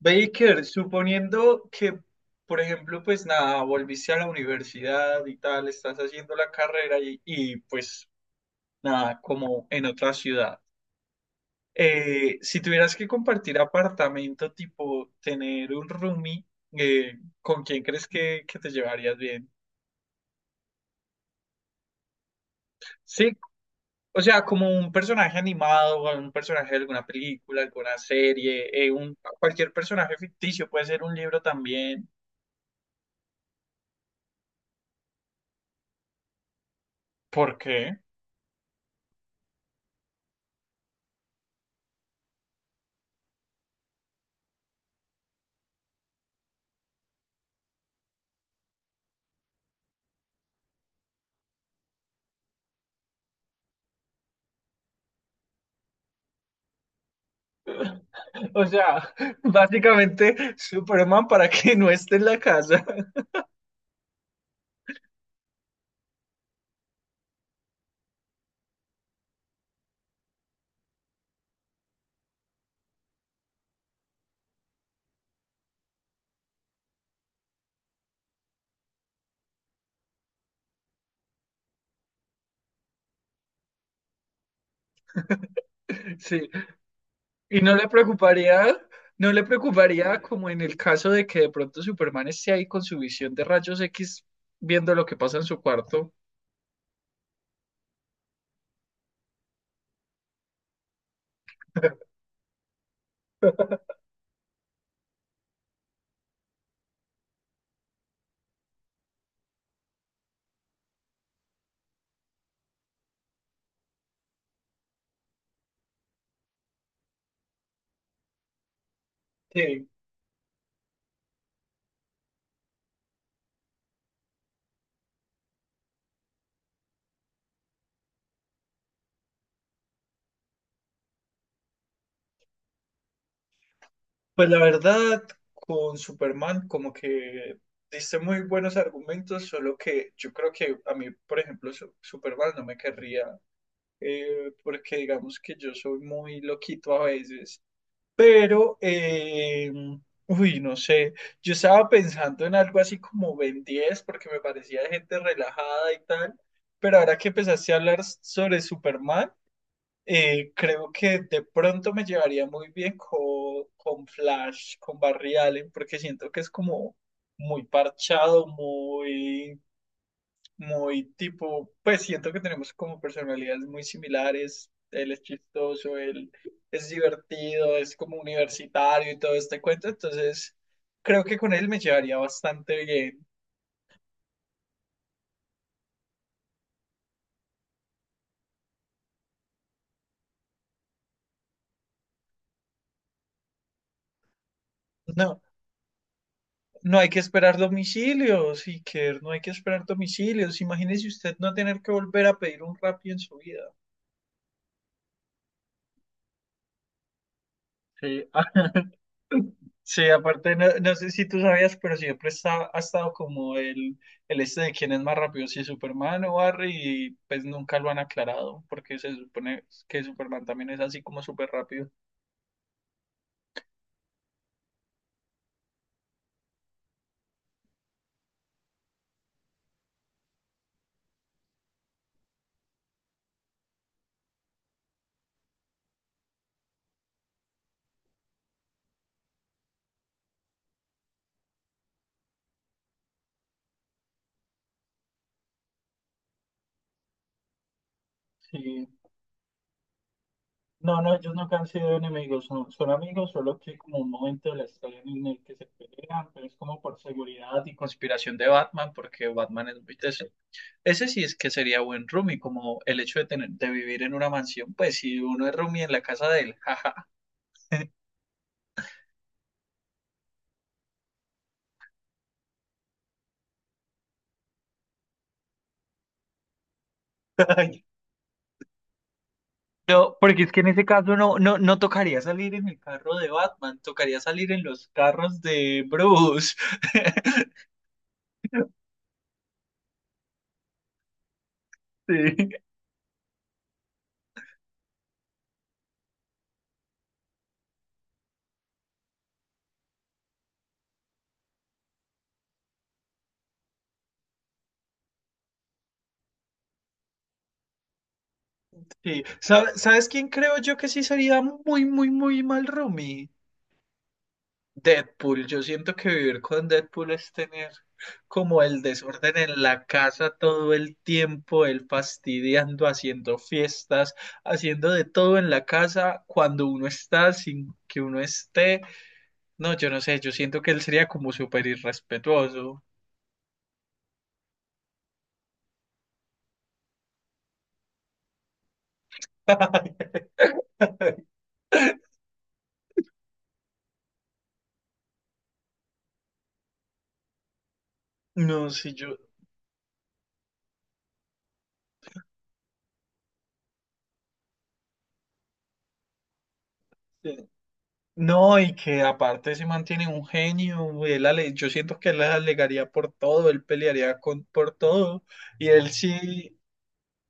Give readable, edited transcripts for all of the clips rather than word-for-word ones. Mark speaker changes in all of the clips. Speaker 1: Baker, suponiendo que, por ejemplo, pues nada, volviste a la universidad y tal, estás haciendo la carrera y pues nada, como en otra ciudad. Si tuvieras que compartir apartamento, tipo tener un roomie, ¿con quién crees que te llevarías bien? Sí, o sea, como un personaje animado, o un personaje de alguna película, alguna serie, un, cualquier personaje ficticio, puede ser un libro también. ¿Por qué? O sea, básicamente Superman para que no esté en la casa. Sí. Y no le preocuparía, no le preocuparía como en el caso de que de pronto Superman esté ahí con su visión de rayos X viendo lo que pasa en su cuarto. Sí. Pues la verdad, con Superman como que diste muy buenos argumentos, solo que yo creo que a mí, por ejemplo, Superman no me querría, porque digamos que yo soy muy loquito a veces. Pero, uy, no sé, yo estaba pensando en algo así como Ben 10 porque me parecía de gente relajada y tal, pero ahora que empezaste a hablar sobre Superman, creo que de pronto me llevaría muy bien con Flash, con Barry Allen, porque siento que es como muy parchado, muy tipo, pues siento que tenemos como personalidades muy similares. Él es chistoso, él es divertido, es como universitario y todo este cuento. Entonces, creo que con él me llevaría bastante bien. No, no hay que esperar domicilios, Iker, no hay que esperar domicilios. Imagínese usted no tener que volver a pedir un Rappi en su vida. Sí, sí, aparte, no, no sé si tú sabías, pero siempre ha estado como el este de quién es más rápido, si Superman o Barry, y pues nunca lo han aclarado, porque se supone que Superman también es así como súper rápido. Sí. No, no, ellos nunca han sido enemigos, son amigos, solo que hay como un momento de la historia en el que se pelean, pero es como por seguridad y conspiración de Batman, porque Batman es muy teso. Ese sí es que sería buen roomie, como el hecho de tener, de vivir en una mansión, pues si uno es roomie en la casa de él, jaja. No, porque es que en ese caso no tocaría salir en el carro de Batman, tocaría salir en los carros de Bruce. Sí, sí. ¿Sabes quién creo yo que sí sería muy, muy, muy mal roomie? Deadpool, yo siento que vivir con Deadpool es tener como el desorden en la casa todo el tiempo, él fastidiando, haciendo fiestas, haciendo de todo en la casa cuando uno está, sin que uno esté. No, yo no sé, yo siento que él sería como súper irrespetuoso. No, si yo... eh, No, y que aparte se mantiene un genio, yo siento que él alegaría por todo, él pelearía por todo, y él sí.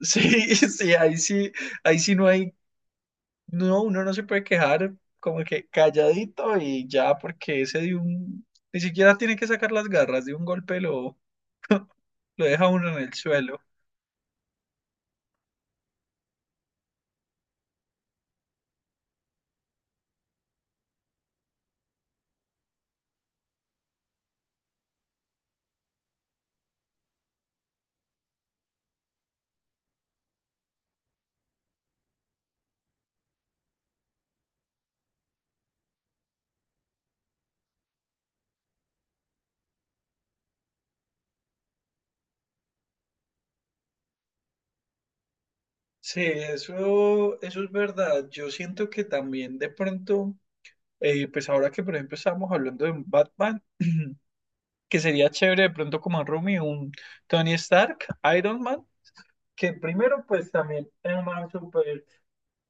Speaker 1: Sí, sí, ahí sí, ahí sí no hay, no, uno no se puede quejar como que calladito y ya, porque ese de un, ni siquiera tiene que sacar las garras, de un golpe lo deja uno en el suelo. Sí, eso es verdad. Yo siento que también de pronto, pues ahora que por ejemplo estábamos hablando de un Batman, que sería chévere de pronto como un Rumi, un Tony Stark, Iron Man, que primero pues también es más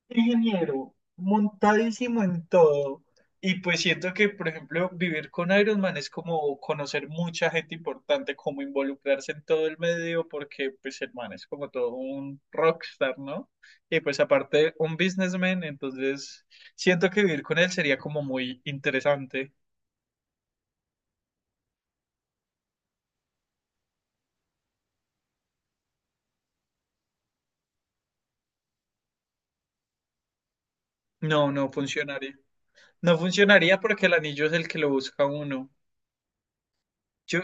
Speaker 1: ingeniero, montadísimo en todo. Y pues siento que, por ejemplo, vivir con Iron Man es como conocer mucha gente importante, como involucrarse en todo el medio, porque pues el man es como todo un rockstar, ¿no? Y pues aparte un businessman, entonces siento que vivir con él sería como muy interesante. No, no funcionaría. No funcionaría porque el anillo es el que lo busca uno. Yo,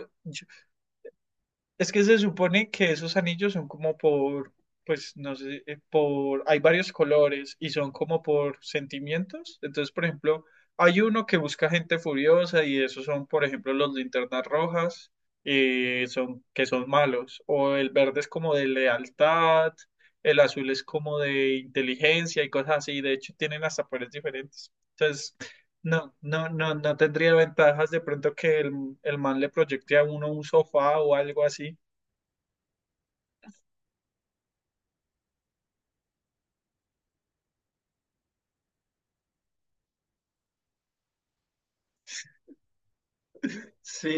Speaker 1: es que se supone que esos anillos son como pues no sé, por, hay varios colores y son como por sentimientos. Entonces, por ejemplo, hay uno que busca gente furiosa y esos son, por ejemplo, los linternas rojas, son, que son malos. O el verde es como de lealtad, el azul es como de inteligencia y cosas así. De hecho, tienen hasta poderes diferentes. Entonces, no tendría ventajas de pronto que el man le proyecte a uno un sofá o algo así. Sí,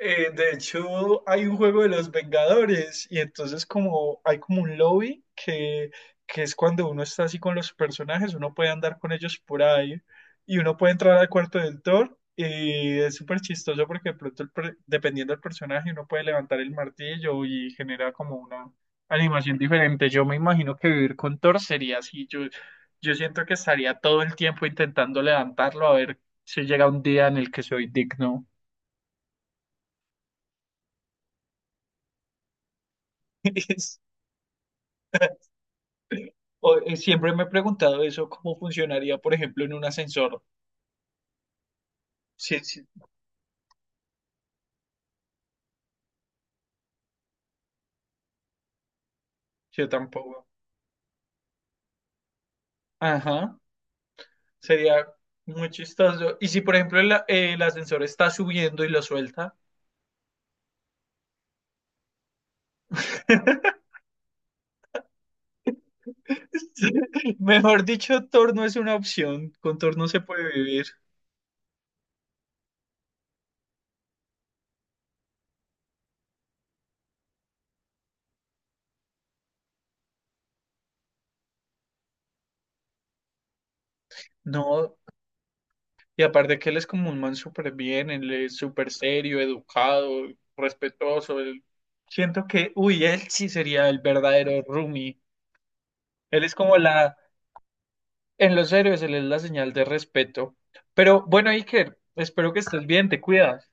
Speaker 1: de hecho hay un juego de los Vengadores y entonces como hay como un lobby que es cuando uno está así con los personajes, uno puede andar con ellos por ahí y uno puede entrar al cuarto del Thor y es súper chistoso porque de pronto el dependiendo del personaje uno puede levantar el martillo y genera como una animación diferente. Yo me imagino que vivir con Thor sería así, yo siento que estaría todo el tiempo intentando levantarlo a ver si llega un día en el que soy digno. Es- Siempre me he preguntado eso, cómo funcionaría, por ejemplo, en un ascensor. Sí, sí, yo tampoco. Ajá, sería muy chistoso. Y si, por ejemplo, el ascensor está subiendo y lo suelta, mejor dicho, torno es una opción. Con torno se puede vivir. No, y aparte que él es como un man súper bien, él es súper serio, educado, respetuoso. Siento que, uy, él sí sería el verdadero roomie. Él es como la. En los héroes se les da señal de respeto. Pero bueno, Iker, espero que estés bien, te cuidas.